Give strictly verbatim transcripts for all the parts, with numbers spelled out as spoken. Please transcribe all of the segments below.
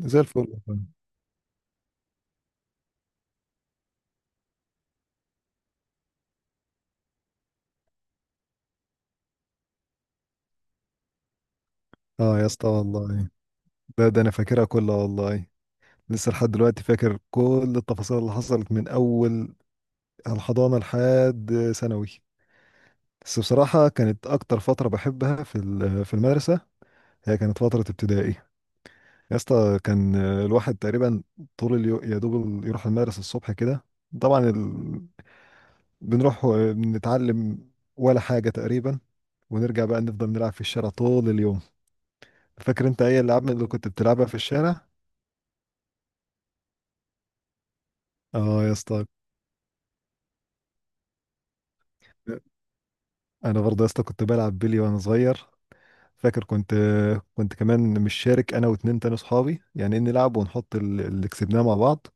زي الفل والله. اه يا اسطى والله، ده ده انا فاكرها كلها والله. لسه لحد دلوقتي فاكر كل التفاصيل اللي حصلت من اول الحضانه لحد ثانوي. بس بصراحه كانت اكتر فتره بحبها في ال- في المدرسه، هي كانت فتره ابتدائي. يا اسطى كان الواحد تقريبا طول اليوم يا دوب يروح المدرسه الصبح كده. طبعا ال... بنروح نتعلم ولا حاجه تقريبا، ونرجع بقى نفضل نلعب في الشارع طول اليوم. فاكر انت ايه الالعاب اللي كنت بتلعبها في الشارع؟ اه يا اسطى. انا برضه يا اسطى كنت بلعب بيلي وانا صغير. فاكر كنت كنت كمان مش شارك انا واتنين تاني صحابي، يعني إيه نلعب ونحط ال- اللي كسبناه مع بعض.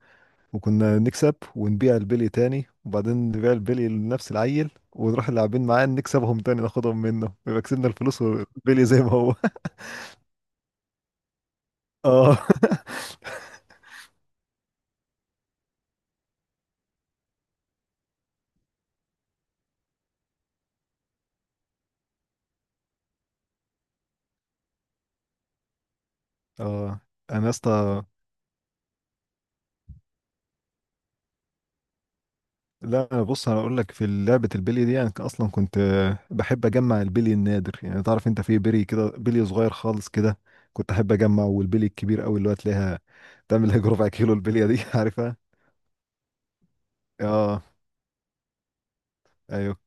وكنا نكسب ونبيع البيلي تاني، وبعدين نبيع البيلي لنفس العيل، ونروح اللاعبين معاه نكسبهم تاني ناخدهم منه، ويبقى كسبنا الفلوس والبيلي زي ما هو. اه. اه انا يا اسطى، لا بص انا اقول لك في لعبه البلي دي، انا اصلا كنت آه، بحب اجمع البلي النادر. يعني تعرف انت، في بلي كده بلي صغير خالص كده، كنت احب اجمع. والبلي الكبير قوي اللي هو تلاقيها تعمل هيك ربع كيلو، البليه دي عارفها؟ اه ايوه.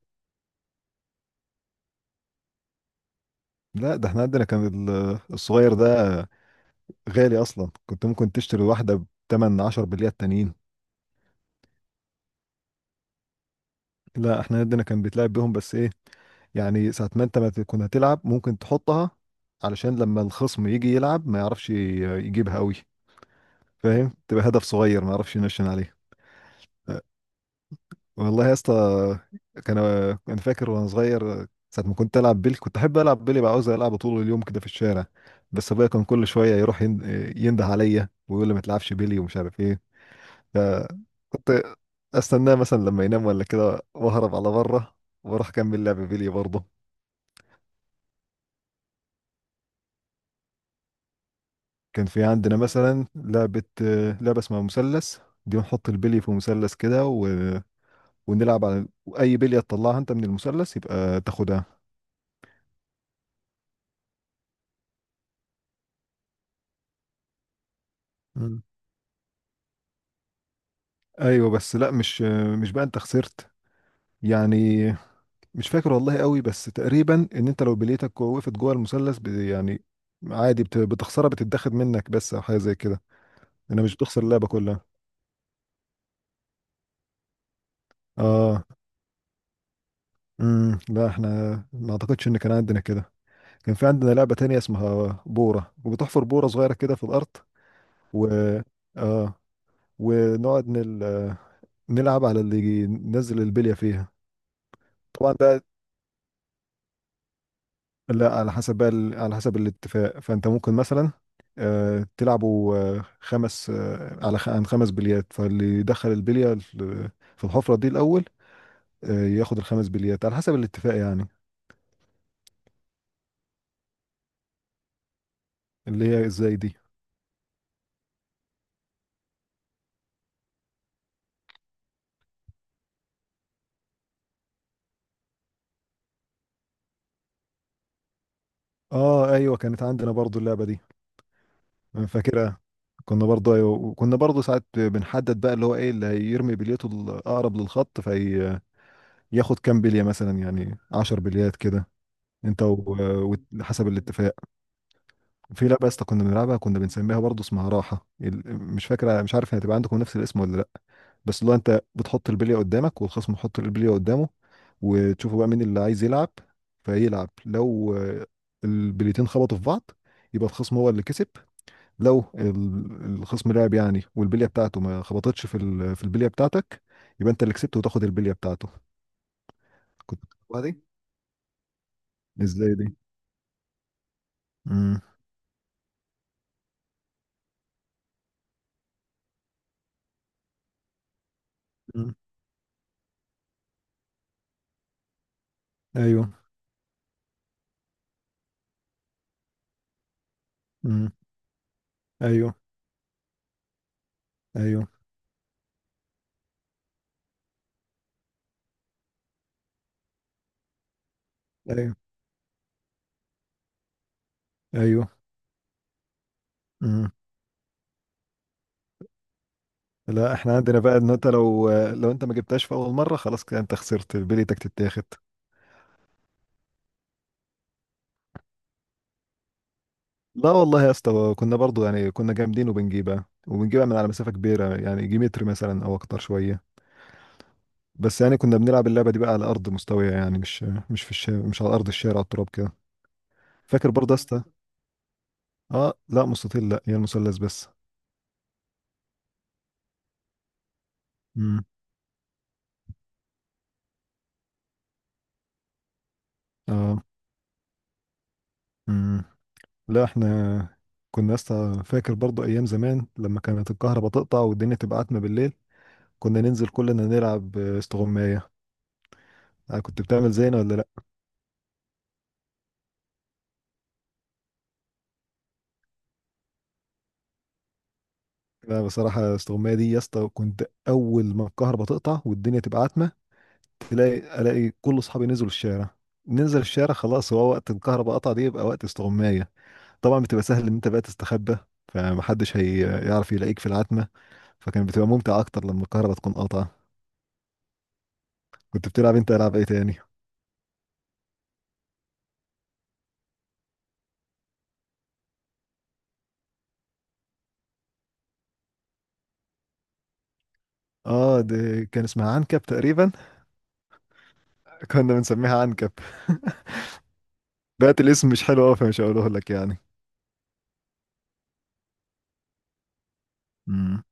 لا ده احنا عندنا كان ال- الصغير ده غالي اصلا، كنت ممكن تشتري واحده ب تمانية عشر بليات تانيين. لا احنا عندنا كان بيتلعب بيهم، بس ايه، يعني ساعة ما انت ما تكون هتلعب ممكن تحطها علشان لما الخصم يجي يلعب ما يعرفش ي- يجيبها قوي. فاهم؟ تبقى هدف صغير ما اعرفش نشن عليه. والله يا اسطى، كان انا فاكر وانا صغير ساعه ما كنت العب بيلي، كنت احب العب بيلي بقى، عاوز العب طول اليوم كده في الشارع. بس ابويا كان كل شويه يروح يند- ينده عليا ويقول لي ما تلعبش بيلي ومش عارف ايه. فكنت استناه مثلا لما ينام ولا كده، واهرب على بره واروح اكمل لعب بيلي برضه. كان في عندنا مثلا لعبه، لعبه اسمها مثلث. دي بنحط البلي في مثلث كده و... ونلعب على اي بليه تطلعها انت من المثلث يبقى تاخدها. مم. ايوه بس لا مش، مش بقى انت خسرت، يعني مش فاكر والله قوي، بس تقريبا ان انت لو بليتك وقفت جوه المثلث، ب- يعني عادي، بت- بتخسرها، بتتاخد منك بس، او حاجه زي كده. انا مش بتخسر اللعبه كلها. اه. امم لا احنا ما اعتقدش ان كان عندنا كده. كان في عندنا لعبه تانية اسمها بوره، وبتحفر بوره صغيره كده في الارض، و اه ونقعد نل... نلعب على اللي ينزل البليه فيها. طبعا ده، لا على حسب بقى، ال- على حسب الاتفاق. فانت ممكن مثلا آه، تلعبوا آه، خمس، آه، على خ- عن خمس بليات، فاللي يدخل البليه ال- في الحفره دي الاول، آه، ياخد الخمس بليات على حسب الاتفاق يعني. اللي هي ازاي دي؟ اه ايوه، كانت عندنا برضو اللعبه دي، أنا فاكرها. كنا برضو ايوه، وكنا برضو ساعات بنحدد بقى اللي هو ايه اللي هيرمي بليته الاقرب للخط، فياخد كام بليه مثلا، يعني عشر بليات كده. انت و- وحسب الاتفاق. في لعبة يا اسطى كنا بنلعبها، كنا بنسميها برضه، اسمها راحة ال- مش فاكرة، مش عارف هتبقى عندكم نفس الاسم ولا لأ. بس اللي هو أنت بتحط البلية قدامك والخصم يحط البلية قدامه، وتشوفوا بقى مين اللي عايز يلعب. فيلعب، لو آه، البليتين خبطوا في بعض، يبقى الخصم هو اللي كسب. لو ال- الخصم لعب يعني، والبلية بتاعته ما خبطتش في ال- في البلية بتاعتك، يبقى أنت اللي كسبت وتاخد البلية بتاعته. كنت بتلعبها دي؟ ازاي دي؟ امم. امم. ايوه. امم. ايوه. ايوه. ايوه. ايوه. امم لا، احنا عندنا بقى ان انت لو لو انت ما جبتهاش في اول مره، خلاص كده انت خسرت، بليتك تتاخد. لا والله يا اسطى، كنا برضو يعني كنا جامدين، وبنجيبها وبنجيبها من على مسافه كبيره، يعني يجي متر مثلا او اكتر شويه. بس يعني كنا بنلعب اللعبه دي بقى على ارض مستويه، يعني مش مش في الشارع، مش على ارض الشارع، على التراب كده. فاكر برضه يا اسطى. اه لا مستطيل، لا هي المثلث بس. امم. اه. امم لا احنا كنا يا اسطى فاكر برضه ايام زمان لما كانت الكهرباء تقطع والدنيا تبقى عتمه بالليل، كنا ننزل كلنا نلعب استغماية. أنا كنت بتعمل زينا ولا لأ؟ لا بصراحة استغماية دي يا اسطى، كنت أول ما الكهرباء تقطع والدنيا تبقى عتمة تلاقي ألاقي كل أصحابي نزلوا الشارع، ننزل الشارع خلاص، هو وقت الكهرباء قطع دي يبقى وقت استغماية. طبعا بتبقى سهل إن أنت بقى تستخبى، فمحدش هيعرف يلاقيك في العتمة، فكان بتبقى ممتع أكتر لما الكهرباء تكون قاطعة. كنت بتلعب أنت ألعاب إيه تاني؟ آه دي كان اسمها عنكب تقريبا. كنا بنسميها عنكب. بقت الاسم مش حلو أوي فمش هقوله لك يعني. مم.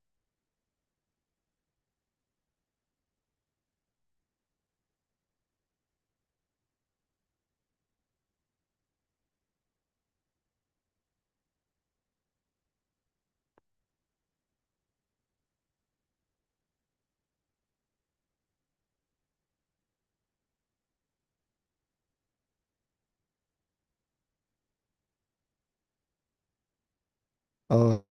اه.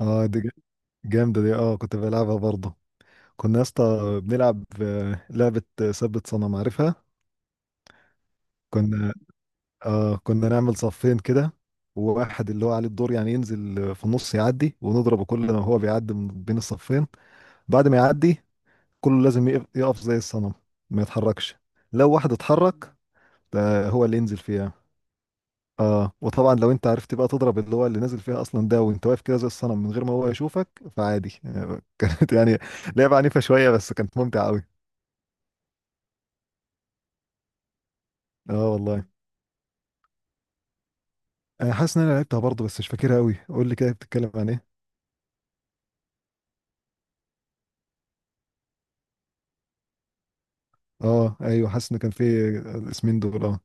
اه دي جا- جامدة دي، اه كنت بلعبها برضه. كنا يا اسطى بنلعب آه، لعبة ثبت صنم، عارفها؟ كنا اه كنا نعمل صفين كده، وواحد اللي هو عليه الدور يعني ينزل آه، في النص يعدي، ونضربه كل ما هو بيعدي من بين الصفين. بعد ما يعدي كله لازم يقف، يقف زي الصنم، ما يتحركش. لو واحد اتحرك ده هو اللي ينزل فيها. اه، وطبعا لو انت عرفت بقى تضرب اللي هو اللي نازل فيها اصلا ده، وانت واقف كده زي الصنم من غير ما هو يشوفك، فعادي. آه، كانت يعني لعبة عنيفة شوية، بس كانت ممتعة قوي. اه والله، انا حاسس ان انا لعبتها برضه بس مش فاكرها قوي، قول لي كده بتتكلم عن ايه؟ اه ايوه، حاسس ان كان في الاسمين دول، اه.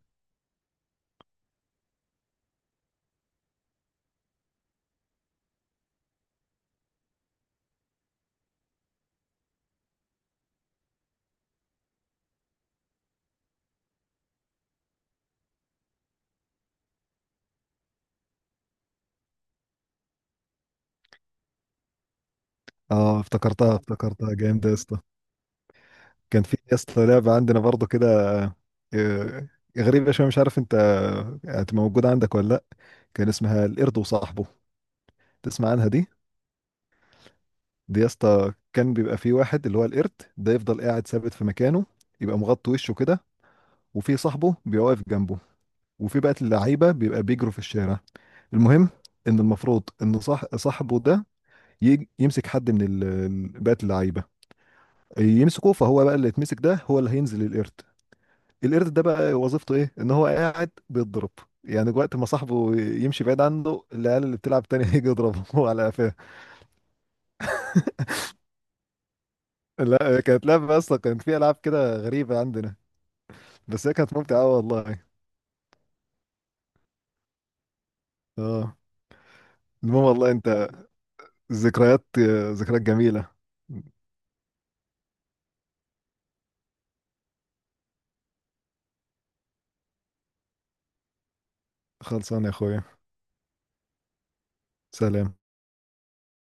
اه افتكرتها، افتكرتها، جامدة يا اسطى. كان في يا اسطى لعبة عندنا برضه كده، آه، غريبة شوية، مش عارف انت آه، هتبقى موجودة عندك ولا لا. كان اسمها القرد وصاحبه، تسمع عنها دي؟ دي يا اسطى كان بيبقى فيه واحد اللي هو القرد ده، يفضل قاعد ثابت في مكانه، يبقى مغطي وشه كده، وفي صاحبه بيبقى واقف جنبه، وفي بقى اللعيبه بيبقى بيجروا في الشارع. المهم ان المفروض ان صاح صاحبه ده يج- يمسك حد من ال- ال- بقى اللعيبه، يمسكه، فهو بقى اللي يتمسك ده هو اللي هينزل القرد. القرد ده بقى وظيفته ايه؟ ان هو قاعد بيتضرب، يعني وقت ما صاحبه يمشي بعيد عنه، العيال اللي بتلعب تاني هيجي يضربه على قفاه. لا كانت لعبة اصلا، كان في العاب كده غريبة عندنا، بس هي كانت ممتعة أوي والله. اه. المهم والله انت، ذكريات، ذكريات جميلة. خلصان يا اخويا. سلام.